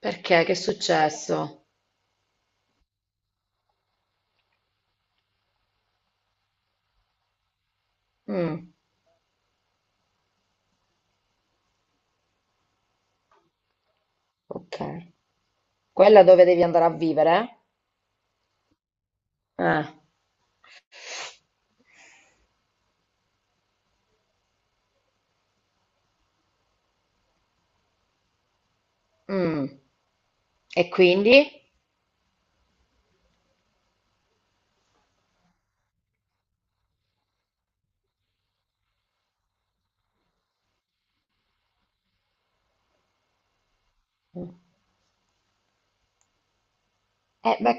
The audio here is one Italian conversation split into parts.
Perché? Che è successo? Mm, ok. Quella dove devi andare a vivere? Eh. Mm. E quindi? Beh,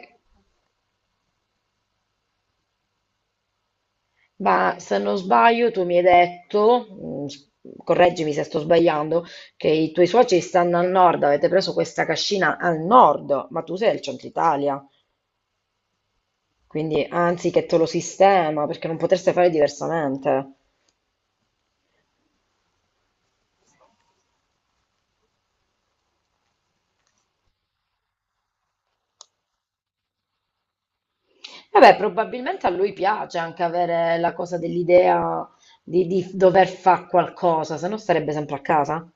ma se non sbaglio, tu mi hai detto, correggimi se sto sbagliando, che i tuoi suoceri stanno al nord, avete preso questa cascina al nord, ma tu sei del centro Italia, quindi anzi che te lo sistema, perché non potreste fare diversamente. Vabbè, probabilmente a lui piace anche avere la cosa dell'idea di dover fare qualcosa, se no starebbe sempre a casa.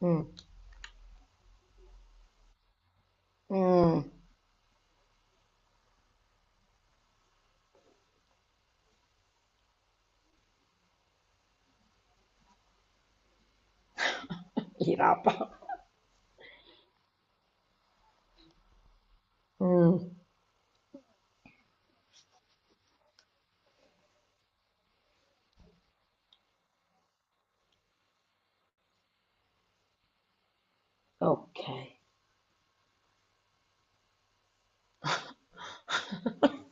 Mm. Mm. Gli rapa. Mm. Ok.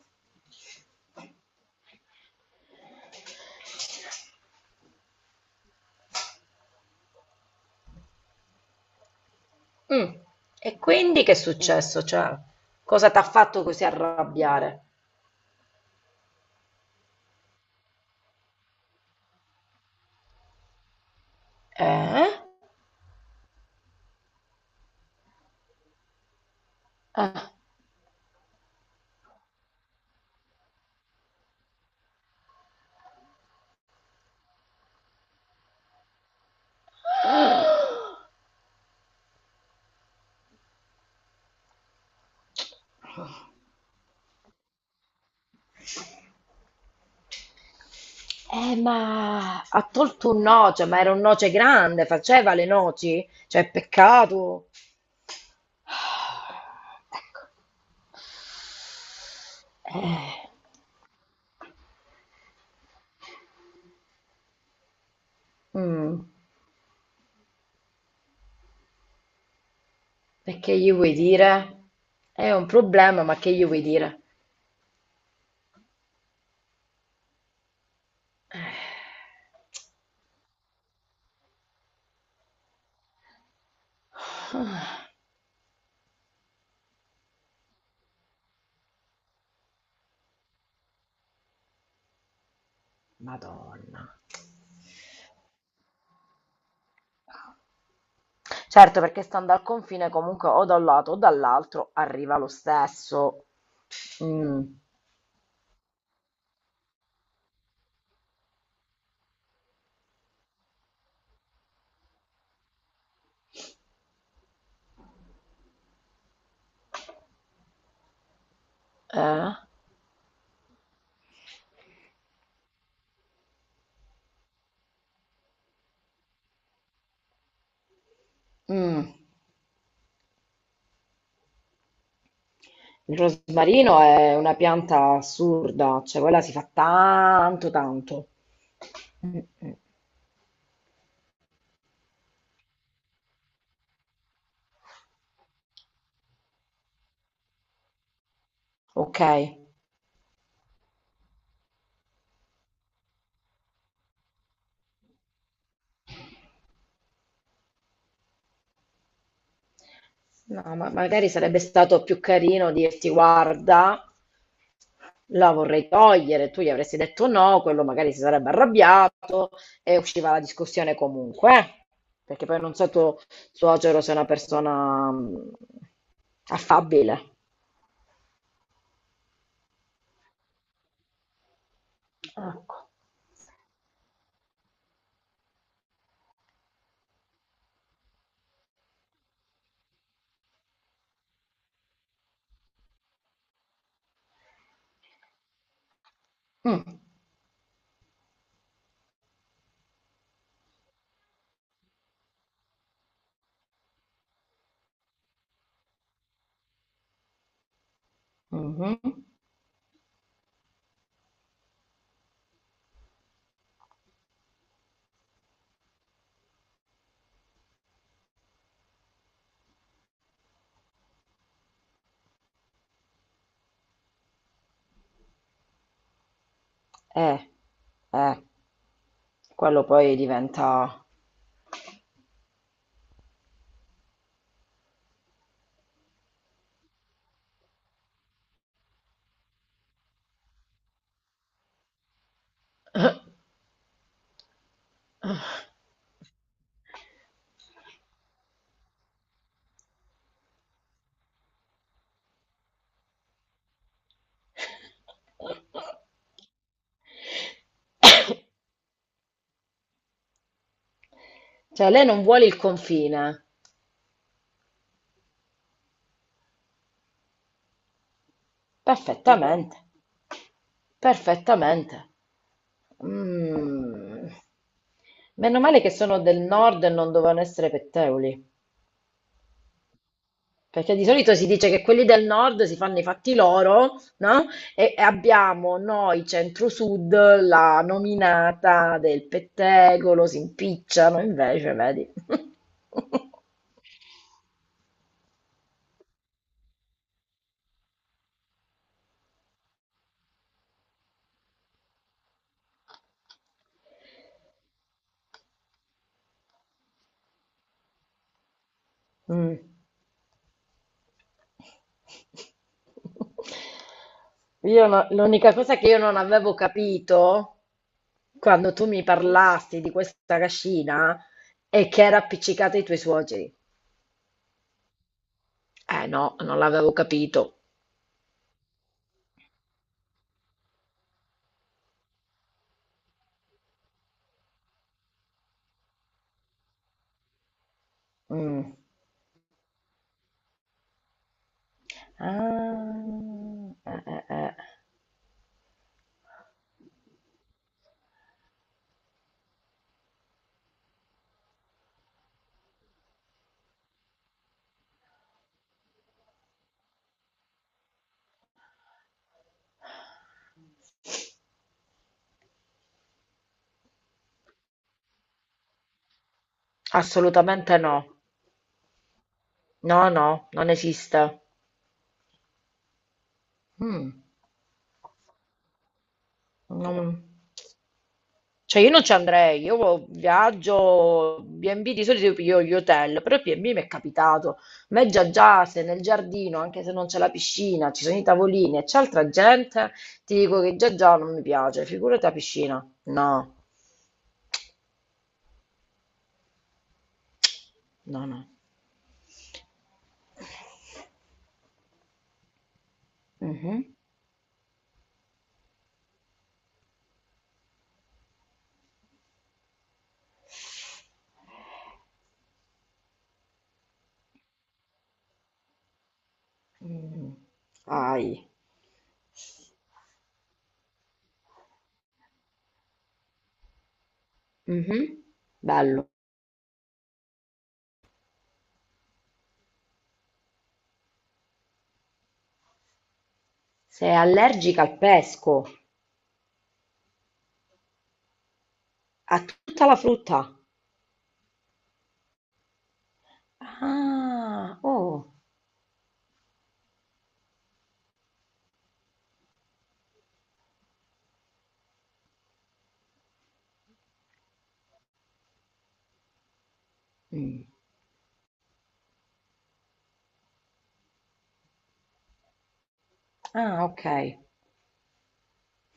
Mm. E quindi che è successo? Cioè, cosa ti ha fatto così arrabbiare? Eh? Eh. Ma ha tolto un noce, ma era un noce grande, faceva le noci, cioè peccato. Ecco. Eh, mm, e che gli vuoi dire? È un problema, ma che gli vuoi dire? Eh, Madonna. Certo, perché stando al confine comunque o da un lato o dall'altro arriva lo stesso. Mm, eh? Mm. Il rosmarino è una pianta assurda, cioè quella si fa tanto tanto. Mm, mm. Ok, no, ma magari sarebbe stato più carino dirti: Guarda, la vorrei togliere. Tu gli avresti detto no, quello magari si sarebbe arrabbiato e usciva la discussione comunque, eh. Perché poi non so tuo suocero se è una persona, affabile. Ecco. Mm. Mhm. Eh, eh. Quello poi diventa... Cioè, lei non vuole il confine. Perfettamente, perfettamente. Mm. Meno male che sono del nord e non dovevano essere pettegoli. Perché di solito si dice che quelli del nord si fanno i fatti loro, no? E abbiamo noi centro-sud la nominata del pettegolo, si impicciano, invece, vedi. Mm. Io no- L'unica cosa che io non avevo capito quando tu mi parlasti di questa cascina è che era appiccicata ai tuoi suoceri. Eh no, non l'avevo capito. Mm. Ah, eh. Assolutamente no. No, no, non esiste. Mm, non- Cioè io non ci andrei, io viaggio, B&B di solito io piglio gli hotel, però il B&B mi è capitato. A me già già se nel giardino, anche se non c'è la piscina, ci sono i tavolini e c'è altra gente, ti dico che già già non mi piace, figurati la piscina. No, no, no. Mhm. Mh, sai. Mh-mh. Bello. Sei allergica al pesco, a tutta la frutta. Ah! Oh. Mh. Ah, okay.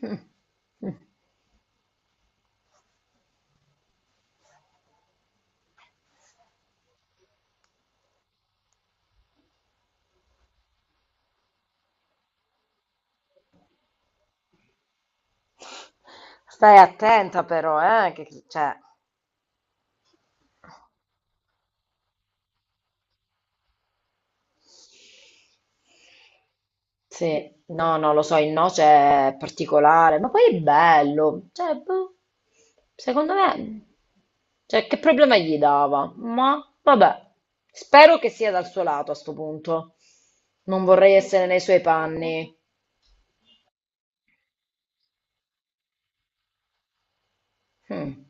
Mh. Mh. Stai attenta però, che c cioè Sì, no, no, lo so, il noce è particolare, ma poi è bello, cioè, boh, secondo me, cioè, che problema gli dava? Ma, vabbè, spero che sia dal suo lato a sto punto, non vorrei essere nei suoi panni. Mm.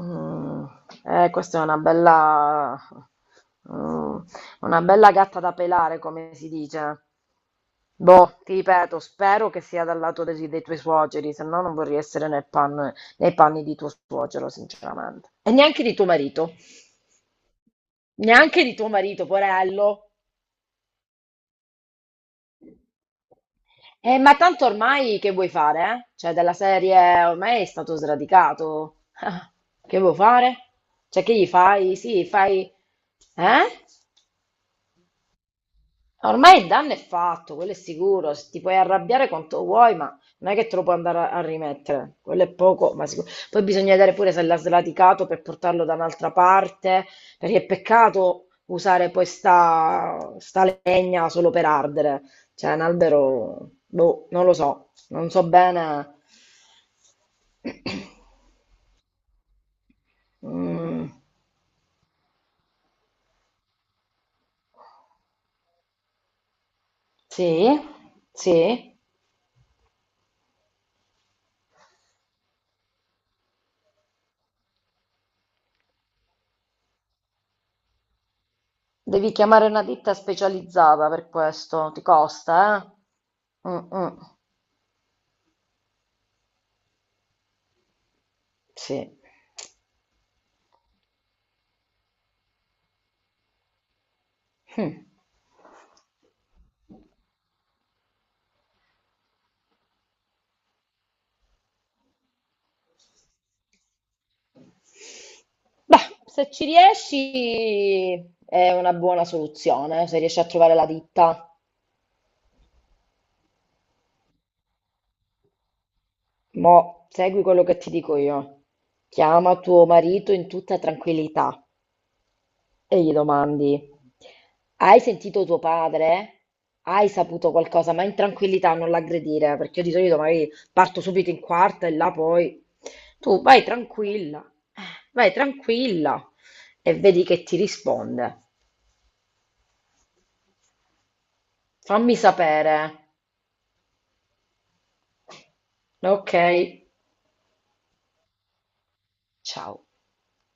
Mm. Questa è una bella, mm, una bella gatta da pelare, come si dice. Boh, ti ripeto, spero che sia dal lato dei tuoi suoceri, se no non vorrei essere nei panni di tuo suocero, sinceramente. E neanche di tuo marito, neanche di tuo marito, porello. Ma tanto ormai che vuoi fare, eh? Cioè, della serie ormai è stato sradicato. Che vuoi fare? Cioè, che gli fai? Sì, fai... Eh? Ormai il danno è fatto, quello è sicuro. Se ti puoi arrabbiare quanto vuoi, ma non è che te lo puoi andare a, a rimettere. Quello è poco, ma sicuro. Poi bisogna vedere pure se l'ha sradicato per portarlo da un'altra parte, perché è peccato usare poi sta legna solo per ardere. Cioè, un albero, boh, non lo so, non so bene. Mm, sì, sì. Devi chiamare una ditta specializzata per questo, ti costa, eh? Mm, mm, sì. Mm. Beh, se ci riesci è una buona soluzione, se riesci a trovare la ditta. Mo' segui quello che ti dico io. Chiama tuo marito in tutta tranquillità e gli domandi. Hai sentito tuo padre? Hai saputo qualcosa? Ma in tranquillità, non l'aggredire, perché io di solito magari parto subito in quarta e là poi... Tu eh, vai tranquilla e vedi che ti risponde. Fammi sapere. Ok? Ciao.